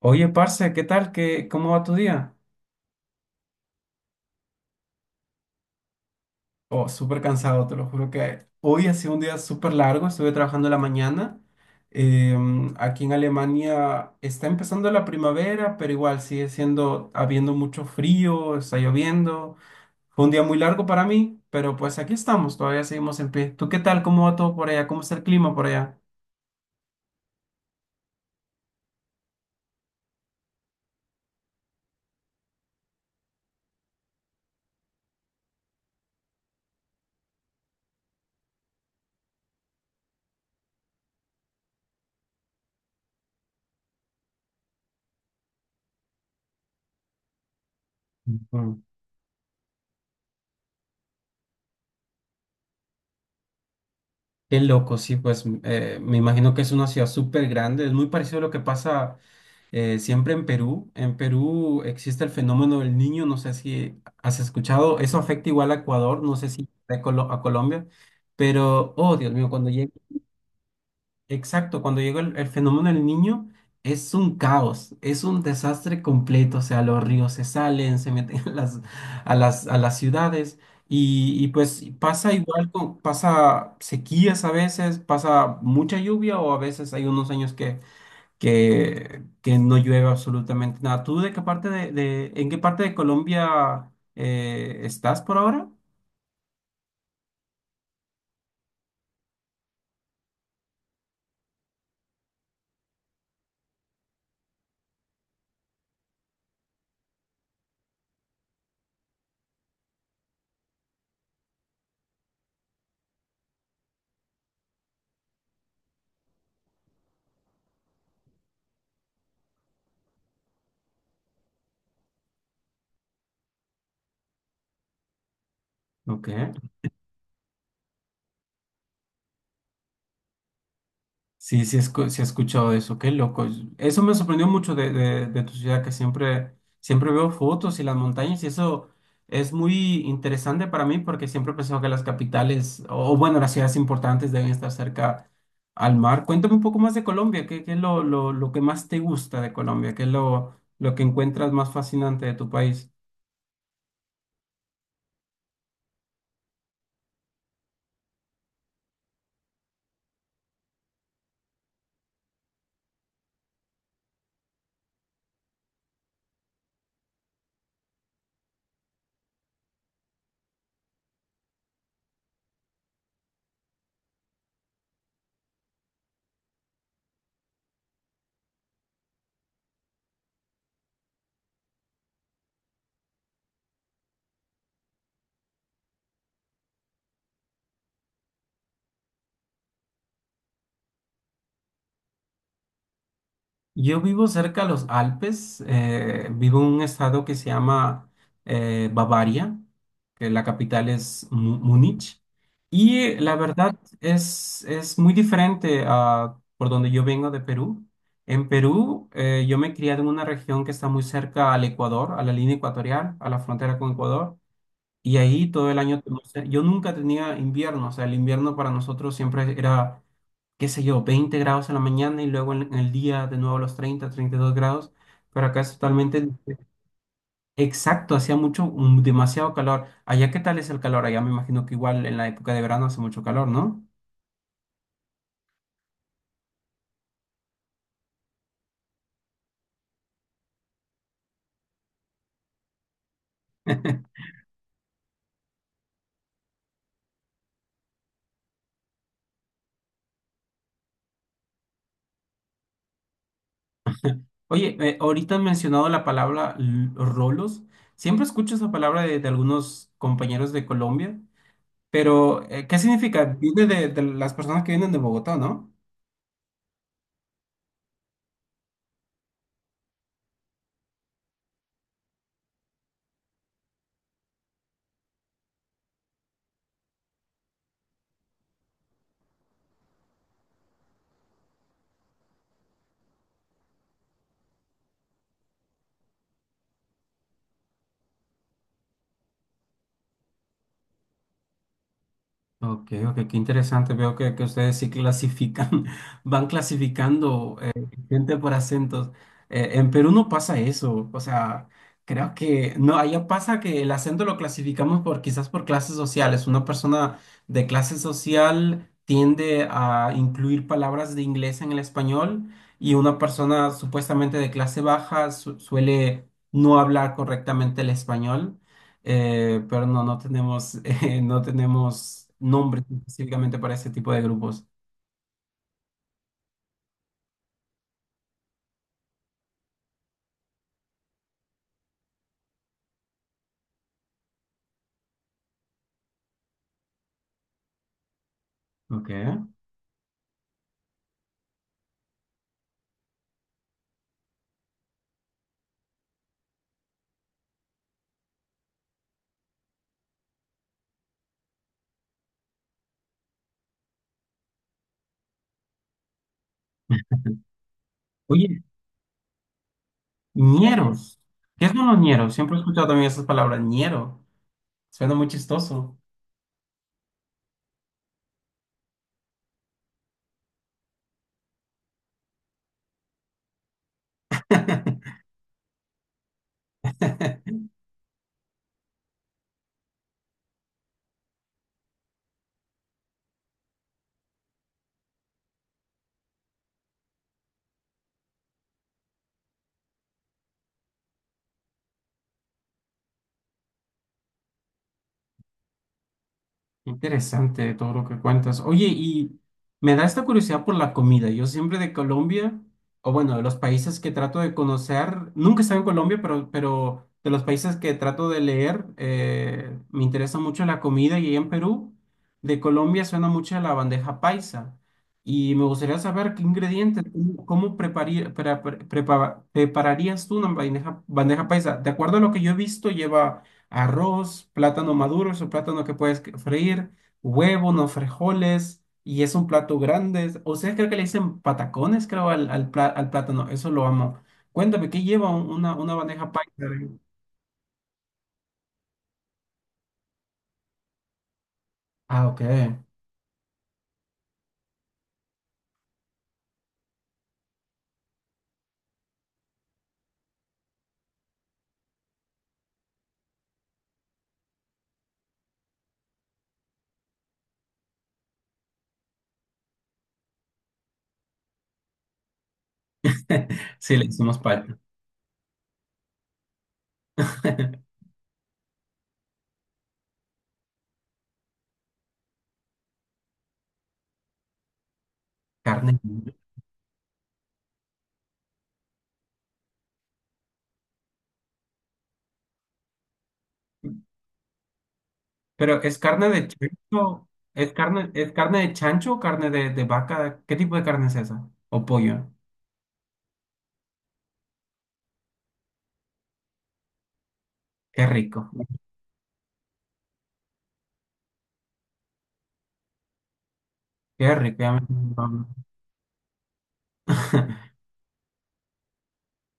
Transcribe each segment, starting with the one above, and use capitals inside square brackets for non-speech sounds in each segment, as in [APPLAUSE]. Oye, parce, ¿qué tal? ¿Cómo va tu día? Oh, súper cansado, te lo juro que hoy ha sido un día súper largo, estuve trabajando en la mañana. Aquí en Alemania está empezando la primavera, pero igual habiendo mucho frío, está lloviendo. Fue un día muy largo para mí, pero pues aquí estamos, todavía seguimos en pie. ¿Tú qué tal? ¿Cómo va todo por allá? ¿Cómo está el clima por allá? Ujú. Qué loco, sí, pues me imagino que es una ciudad súper grande, es muy parecido a lo que pasa siempre en Perú. En Perú existe el fenómeno del niño, no sé si has escuchado, eso afecta igual a Ecuador, no sé si a Colombia, pero, oh Dios mío, cuando llega... Exacto, cuando llega el fenómeno del niño es un caos, es un desastre completo, o sea, los ríos se salen, se meten [LAUGHS] a las ciudades y pues pasa igual, pasa sequías a veces, pasa mucha lluvia o a veces hay unos años que no llueve absolutamente nada. ¿Tú de qué parte de- en qué parte de Colombia estás por ahora? Ok. Sí, sí he escuchado eso, qué loco. Eso me sorprendió mucho de tu ciudad, siempre veo fotos y las montañas, y eso es muy interesante para mí porque siempre he pensado que las capitales, o bueno, las ciudades importantes deben estar cerca al mar. Cuéntame un poco más de Colombia, ¿qué es lo que más te gusta de Colombia? ¿Qué es lo que encuentras más fascinante de tu país? Yo vivo cerca de los Alpes, vivo en un estado que se llama Bavaria, que la capital es Múnich, y es muy diferente a por donde yo vengo de Perú. En Perú yo me he criado en una región que está muy cerca al Ecuador, a la línea ecuatorial, a la frontera con Ecuador, y ahí todo el año, yo nunca tenía invierno, o sea, el invierno para nosotros siempre era qué sé yo, 20 grados en la mañana y luego en el día de nuevo los 30, 32 grados, pero acá es totalmente diferente. Exacto, demasiado calor. Allá, ¿qué tal es el calor? Allá me imagino que igual en la época de verano hace mucho calor, ¿no? [LAUGHS] Oye, ahorita han mencionado la palabra rolos. Siempre escucho esa palabra de algunos compañeros de Colombia, pero ¿qué significa? Viene de las personas que vienen de Bogotá, ¿no? Ok, ok, qué interesante. Veo que ustedes sí clasifican, [LAUGHS] van clasificando gente por acentos. En Perú no pasa eso. O sea, creo que no, allá pasa que el acento lo clasificamos por quizás por clases sociales. Una persona de clase social tiende a incluir palabras de inglés en el español y una persona supuestamente de clase baja suele no hablar correctamente el español. Pero no, no tenemos, [LAUGHS] no tenemos nombres específicamente para ese tipo de grupos. Ok. Oye, ñeros. ¿Qué son los ñeros? Siempre he escuchado también esas palabras, ñero. Suena muy chistoso. Interesante todo lo que cuentas. Oye, y me da esta curiosidad por la comida. Yo siempre de Colombia, o bueno, de los países que trato de conocer, nunca he estado en Colombia, pero de los países que trato de leer, me interesa mucho la comida. Y ahí en Perú, de Colombia suena mucho a la bandeja paisa. Y me gustaría saber qué ingredientes, cómo prepararías tú una bandeja paisa. De acuerdo a lo que yo he visto, lleva arroz, plátano maduro, es un plátano que freír, huevo, unos frijoles, y es un plato grande. Ustedes creo que le dicen patacones, creo, al plátano, eso lo amo. Cuéntame, ¿qué lleva una bandeja paisa? Ah, ok. [LAUGHS] Sí, le hicimos paisa. [LAUGHS] Carne. Pero ¿es carne de chancho? Es carne de chancho o carne de vaca? ¿Qué tipo de carne es esa? ¿O pollo? Qué rico. Qué rico. Ya me- [LAUGHS]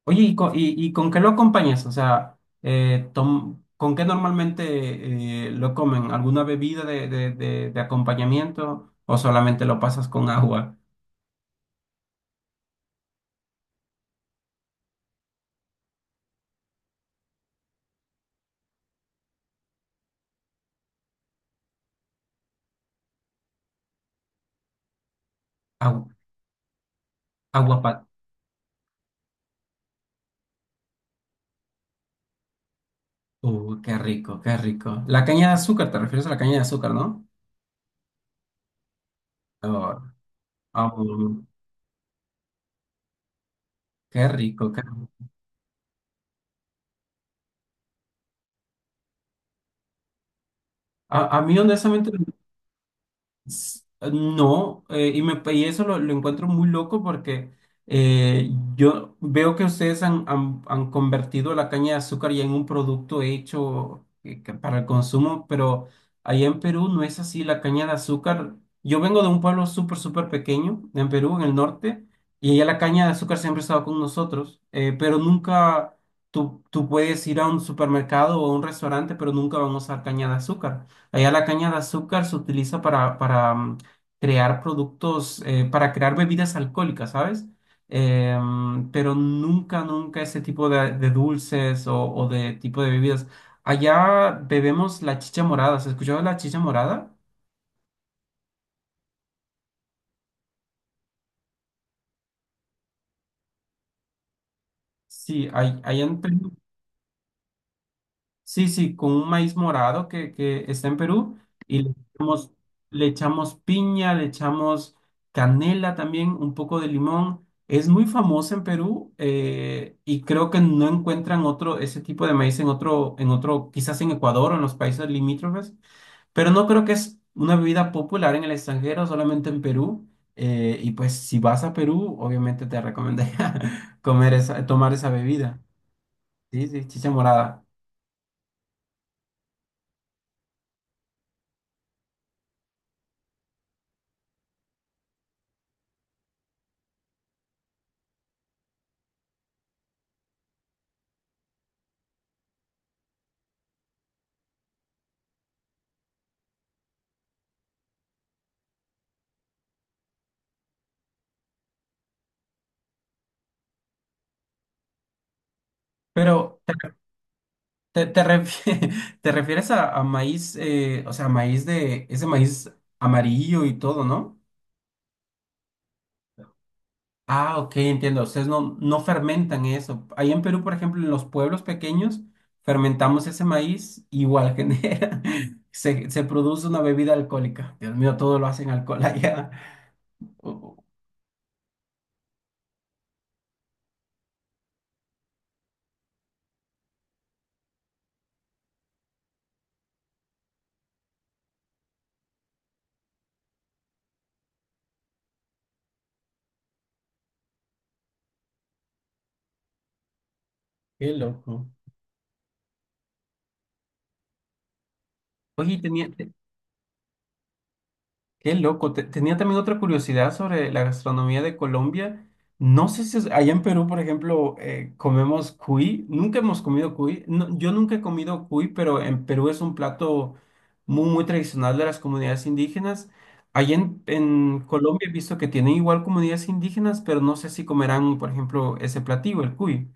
Oye, ¿y y con qué lo acompañas? O sea, ¿con qué normalmente lo comen? ¿Alguna bebida de acompañamiento o solamente lo pasas con agua? Agua, agua pa- qué rico, qué rico. La caña de azúcar, ¿te refieres a la caña de azúcar, no? Oh, ah, mm, qué rico, qué rico. A mí, honestamente, S- no, y eso lo encuentro muy loco porque eh, yo veo que ustedes han convertido la caña de azúcar ya en un producto hecho que para el consumo, pero allá en Perú no es así. La caña de azúcar, yo vengo de un pueblo súper, súper pequeño en Perú, en el norte, y allá la caña de azúcar siempre ha estado con nosotros, pero nunca tú puedes ir a un supermercado o a un restaurante, pero nunca van a usar caña de azúcar. Allá la caña de azúcar se utiliza para crear productos, para crear bebidas alcohólicas, ¿sabes? Pero nunca, nunca ese tipo de dulces o de tipo de bebidas. Allá bebemos la chicha morada. ¿Has escuchado la chicha morada? Sí, hay, allá en Perú sí, sí, con un maíz morado que está en Perú y le echamos piña, le echamos canela también, un poco de limón. Es muy famosa en Perú y creo que no encuentran otro, ese tipo de maíz en otro, quizás en Ecuador o en los países limítrofes, pero no creo que es una bebida popular en el extranjero, solamente en Perú. Y pues si vas a Perú, obviamente te recomendaría [LAUGHS] comer esa, tomar esa bebida. Sí, sí, chicha morada. Pero te [LAUGHS] te refieres a maíz, o sea, maíz de ese maíz amarillo y todo, ¿no? Ah, ok, entiendo. Ustedes no, no fermentan eso. Ahí en Perú, por ejemplo, en los pueblos pequeños, fermentamos ese maíz, igual genera, [LAUGHS] se produce una bebida alcohólica. Dios mío, todo lo hacen alcohol allá. [LAUGHS] Oh, qué loco. Oye, tenía, qué loco. Tenía también otra curiosidad sobre la gastronomía de Colombia. No sé si allá en Perú, por ejemplo, comemos cuy. Nunca hemos comido cuy. No, yo nunca he comido cuy, pero en Perú es un plato muy, muy tradicional de las comunidades indígenas. Allá en Colombia he visto que tienen igual comunidades indígenas, pero no sé si comerán, por ejemplo, ese platillo, el cuy.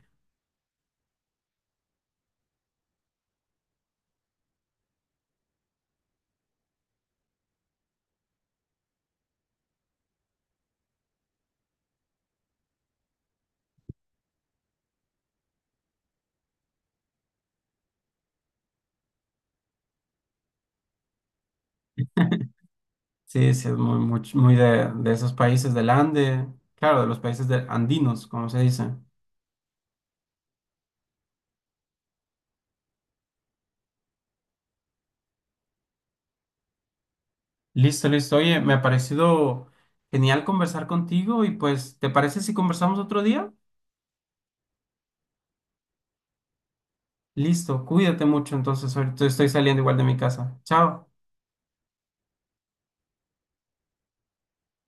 Sí, sí, es muy, muy, muy de esos países del Ande, claro, de los países andinos, como se dice. Listo, listo. Oye, me ha parecido genial conversar contigo y pues, ¿te parece